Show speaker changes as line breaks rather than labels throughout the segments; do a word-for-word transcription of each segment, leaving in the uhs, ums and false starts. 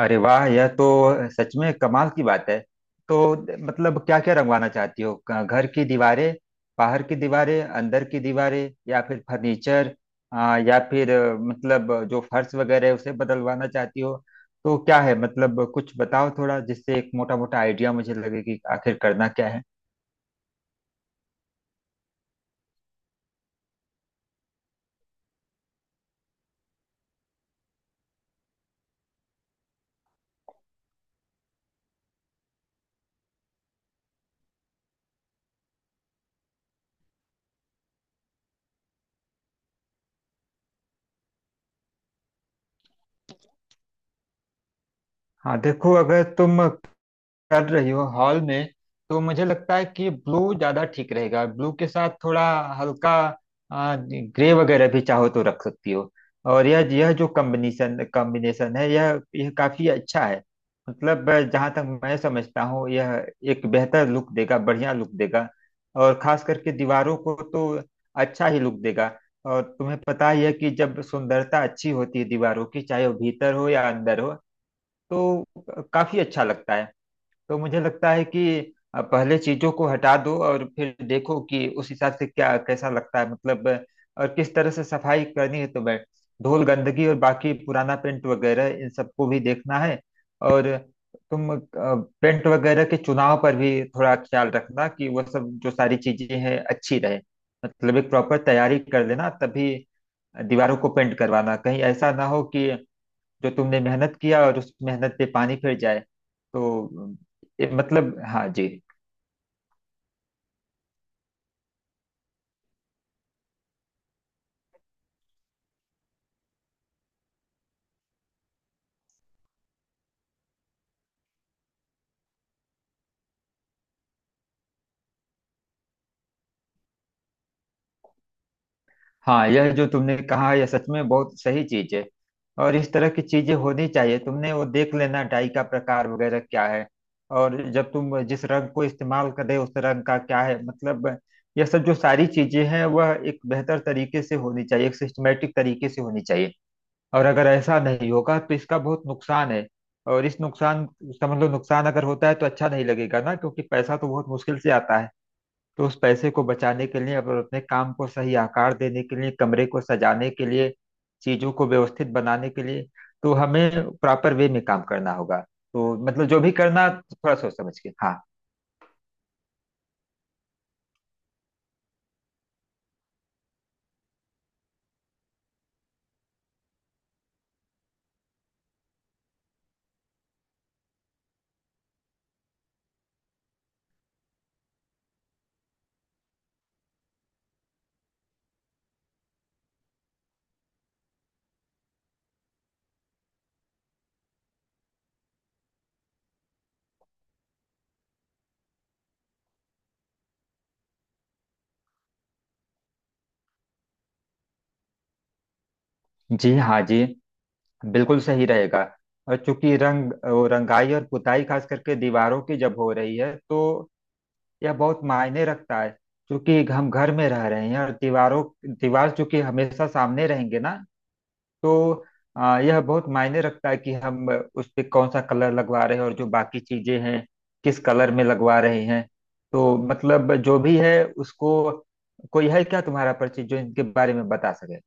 अरे वाह! यह तो सच में कमाल की बात है। तो द- मतलब क्या क्या रंगवाना चाहती हो? क- घर की दीवारें, बाहर की दीवारें, अंदर की दीवारें, या फिर फर्नीचर, आ, या फिर अ, मतलब जो फर्श वगैरह है उसे बदलवाना चाहती हो? तो क्या है, मतलब कुछ बताओ थोड़ा, जिससे एक मोटा मोटा आइडिया मुझे लगे कि आखिर करना क्या है। हाँ देखो, अगर तुम कर रही हो हॉल में, तो मुझे लगता है कि ब्लू ज्यादा ठीक रहेगा। ब्लू के साथ थोड़ा हल्का आ, ग्रे वगैरह भी चाहो तो रख सकती हो। और यह यह जो कॉम्बिनेशन कॉम्बिनेशन है यह यह काफी अच्छा है। मतलब जहां तक मैं समझता हूँ, यह एक बेहतर लुक देगा, बढ़िया लुक देगा। और खास करके दीवारों को तो अच्छा ही लुक देगा। और तुम्हें पता ही है कि जब सुंदरता अच्छी होती है दीवारों की, चाहे वो भीतर हो या अंदर हो, तो काफी अच्छा लगता है। तो मुझे लगता है कि अ, पहले चीजों को हटा दो और फिर देखो कि उस हिसाब से क्या कैसा लगता है। मतलब अ, और किस तरह से सफाई करनी है तुम्हें, धूल गंदगी और बाकी पुराना पेंट वगैरह, इन सबको भी देखना है। और तुम अ, पेंट वगैरह के चुनाव पर भी थोड़ा ख्याल रखना कि वह सब जो सारी चीजें हैं अच्छी रहे। मतलब एक प्रॉपर तैयारी कर लेना, तभी दीवारों को पेंट करवाना। कहीं ऐसा ना हो कि जो तुमने मेहनत किया और उस मेहनत पे पानी फिर जाए। तो ये मतलब, हाँ जी। हाँ, यह जो तुमने कहा यह सच में बहुत सही चीज है। और इस तरह की चीजें होनी चाहिए। तुमने वो देख लेना, डाई का प्रकार वगैरह क्या है। और जब तुम जिस रंग को इस्तेमाल कर रहे हो उस रंग का क्या है, मतलब यह सब जो सारी चीजें हैं वह एक बेहतर तरीके से होनी चाहिए, एक सिस्टमेटिक तरीके से होनी चाहिए। और अगर ऐसा नहीं होगा तो इसका बहुत नुकसान है। और इस नुकसान, समझ लो नुकसान अगर होता है तो अच्छा नहीं लगेगा ना, क्योंकि पैसा तो बहुत मुश्किल से आता है। तो उस पैसे को बचाने के लिए, और अपने काम को सही आकार देने के लिए, कमरे को सजाने के लिए, चीजों को व्यवस्थित बनाने के लिए, तो हमें प्रॉपर वे में काम करना होगा। तो मतलब जो भी करना, थोड़ा सोच समझ के, हाँ जी। हाँ जी, बिल्कुल सही रहेगा। और चूंकि रंग, वो रंगाई और पुताई खास करके दीवारों की जब हो रही है तो यह बहुत मायने रखता है। क्योंकि हम घर में रह रहे हैं, और दीवारों दीवार चूंकि हमेशा सामने रहेंगे ना, तो आ, यह बहुत मायने रखता है कि हम उस पे कौन सा कलर लगवा रहे हैं, और जो बाकी चीजें हैं किस कलर में लगवा रहे हैं। तो मतलब जो भी है उसको, कोई है क्या तुम्हारा परिचित जो इनके बारे में बता सके?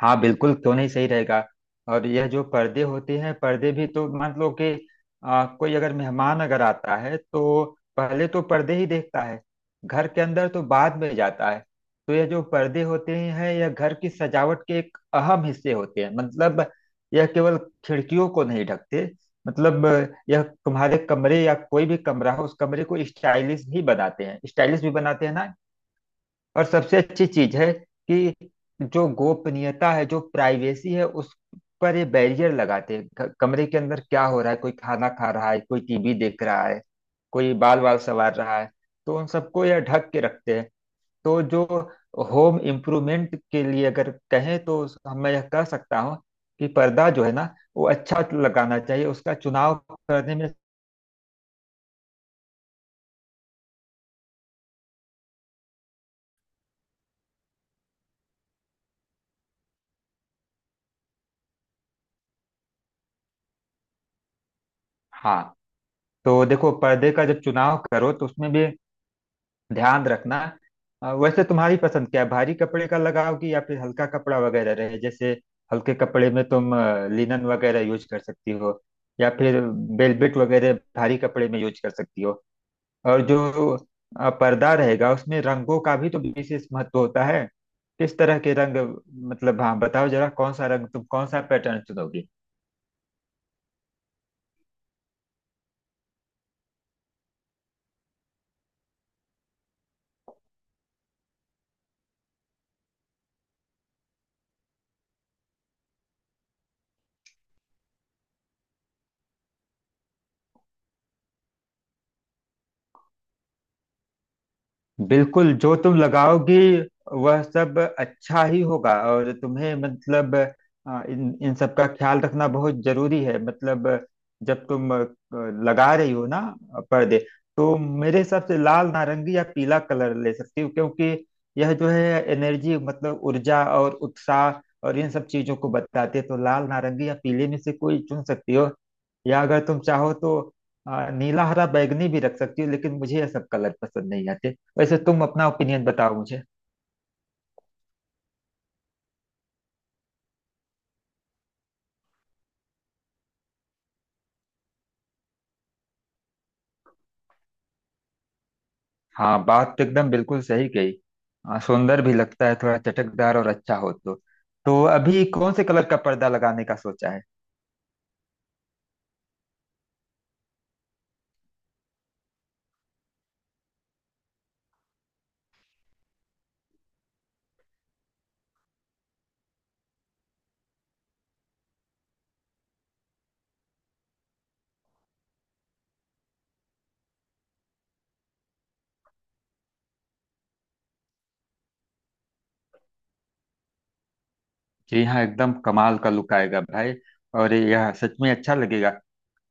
हाँ बिल्कुल, क्यों नहीं सही रहेगा। और यह जो पर्दे होते हैं, पर्दे भी तो मान लो कि आ, कोई अगर मेहमान अगर आता है तो पहले तो पर्दे ही देखता है, घर के अंदर तो बाद में जाता है। तो यह जो पर्दे होते हैं, यह घर की सजावट के एक अहम हिस्से होते हैं। मतलब यह केवल खिड़कियों को नहीं ढकते। मतलब यह तुम्हारे कमरे या कोई भी कमरा हो, उस कमरे को स्टाइलिश ही बनाते हैं, स्टाइलिश भी बनाते हैं ना। और सबसे अच्छी चीज है कि जो गोपनीयता है, जो प्राइवेसी है, उस पर ये बैरियर लगाते हैं। क- कमरे के अंदर क्या हो रहा है, कोई खाना खा रहा है, कोई टीवी देख रहा है, कोई बाल बाल संवार रहा है, तो उन सबको यह ढक के रखते हैं। तो जो होम इम्प्रूवमेंट के लिए अगर कहें, तो उस- मैं यह कह सकता हूँ कि पर्दा जो है ना, वो अच्छा लगाना चाहिए, उसका चुनाव करने में। हाँ, तो देखो पर्दे का जब चुनाव करो तो उसमें भी ध्यान रखना। अ, वैसे तुम्हारी पसंद क्या है, भारी कपड़े का लगाओ कि या फिर हल्का कपड़ा वगैरह रहे। जैसे हल्के कपड़े में तुम लिनन वगैरह यूज कर सकती हो, या फिर वेलवेट वगैरह भारी कपड़े में यूज कर सकती हो। और जो अ, पर्दा रहेगा उसमें रंगों का भी तो विशेष महत्व होता है। किस तरह के रंग, मतलब हाँ बताओ जरा, कौन सा रंग तुम, कौन सा पैटर्न चुनोगी? बिल्कुल, जो तुम लगाओगी वह सब अच्छा ही होगा। और तुम्हें मतलब अ, इन इन सब का ख्याल रखना बहुत जरूरी है। मतलब जब तुम अ, लगा रही हो ना पर्दे, तो मेरे हिसाब से लाल, नारंगी या पीला कलर ले सकती हो, क्योंकि यह जो है एनर्जी, मतलब ऊर्जा और उत्साह और इन सब चीजों को बताती है। तो लाल, नारंगी या पीले में से कोई चुन सकती हो। या अगर तुम चाहो तो अ, नीला, हरा, बैंगनी भी रख सकती हो, लेकिन मुझे यह सब कलर पसंद नहीं आते। वैसे तुम अपना ओपिनियन बताओ मुझे। हाँ, बात तो एकदम बिल्कुल सही कही। हाँ, सुंदर भी लगता है थोड़ा चटकदार और अच्छा हो तो। तो अभी कौन से कलर का पर्दा लगाने का सोचा है? जी हाँ, एकदम कमाल का लुक आएगा भाई। और यह सच में अच्छा लगेगा।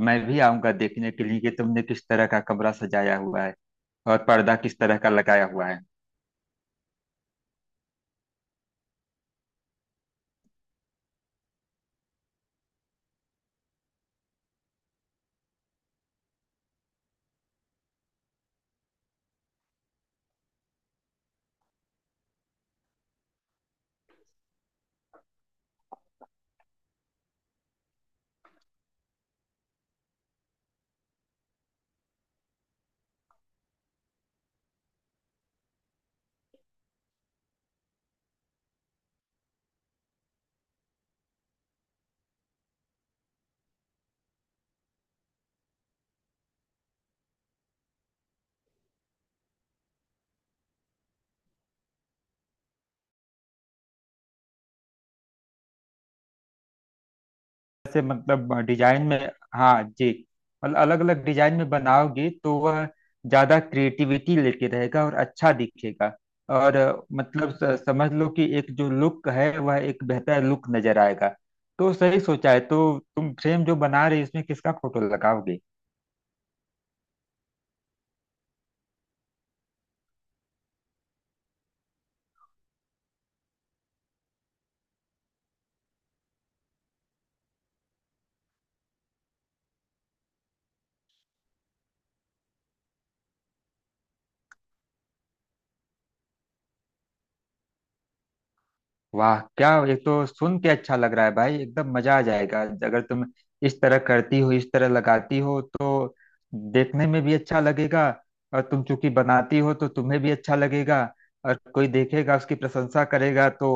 मैं भी आऊंगा देखने के लिए कि तुमने किस तरह का कमरा सजाया हुआ है और पर्दा किस तरह का लगाया हुआ है। से मतलब डिजाइन में, हाँ जी, मतलब अलग अलग डिजाइन में बनाओगी तो वह ज्यादा क्रिएटिविटी लेके रहेगा और अच्छा दिखेगा। और अ, मतलब स- समझ लो कि एक जो लुक है वह एक बेहतर लुक नजर आएगा। तो सही सोचा है। तो तुम फ्रेम जो बना रही, इसमें किसका फोटो लगाओगे? वाह क्या! ये तो सुन के अच्छा लग रहा है भाई। एकदम मजा आ जाएगा अगर तुम इस तरह करती हो, इस तरह लगाती हो तो। देखने में भी अच्छा लगेगा, और तुम चूंकि बनाती हो तो तुम्हें भी अच्छा लगेगा। और कोई देखेगा, उसकी प्रशंसा करेगा, तो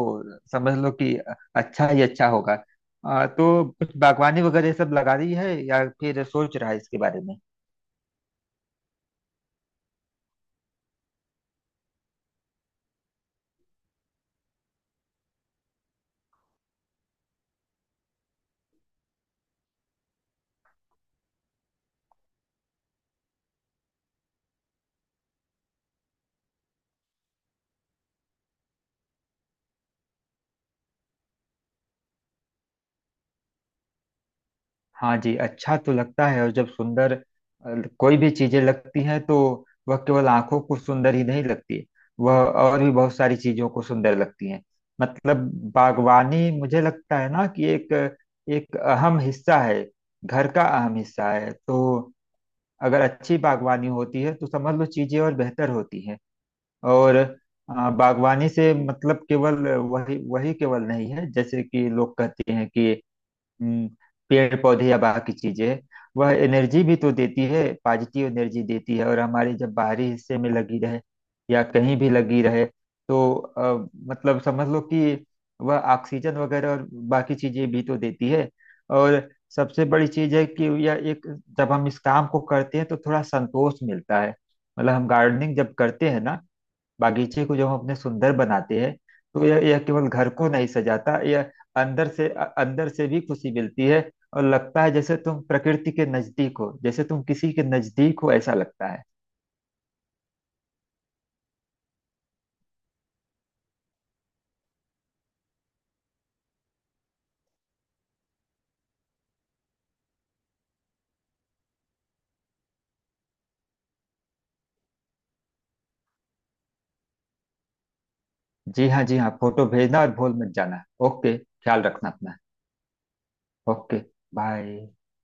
समझ लो कि अच्छा ही अच्छा होगा। आ, तो कुछ बागवानी वगैरह ये सब लगा रही है या फिर सोच रहा है इसके बारे में? हाँ जी, अच्छा तो लगता है। और जब सुंदर अ, कोई भी चीजें लगती हैं तो वह केवल आंखों को सुंदर ही नहीं लगती, वह और भी बहुत सारी चीजों को सुंदर लगती हैं। मतलब बागवानी, मुझे लगता है ना कि एक एक अहम हिस्सा है, घर का अहम हिस्सा है। तो अगर अच्छी बागवानी होती है तो समझ लो चीजें और बेहतर होती हैं। और अ, बागवानी से मतलब केवल वही वही केवल नहीं है, जैसे कि लोग कहते हैं कि हम्म, पेड़ पौधे या बाकी चीजें। वह एनर्जी भी तो देती है, पॉजिटिव एनर्जी देती है। और हमारे जब बाहरी हिस्से में लगी रहे या कहीं भी लगी रहे, तो अ, मतलब समझ लो कि वह ऑक्सीजन वगैरह और बाकी चीजें भी तो देती है। और सबसे बड़ी चीज है कि यह एक, जब हम इस काम को करते हैं तो थोड़ा संतोष मिलता है। मतलब हम गार्डनिंग जब करते हैं ना, बागीचे को जब हम अपने सुंदर बनाते हैं, तो यह यह केवल घर को नहीं सजाता, यह अंदर से अ- अंदर से भी खुशी मिलती है। और लगता है जैसे तुम प्रकृति के नजदीक हो, जैसे तुम किसी के नजदीक हो, ऐसा लगता है। जी हाँ, जी हाँ, फोटो भेजना और भूल मत जाना। ओके, ख्याल रखना अपना। ओके। बाय।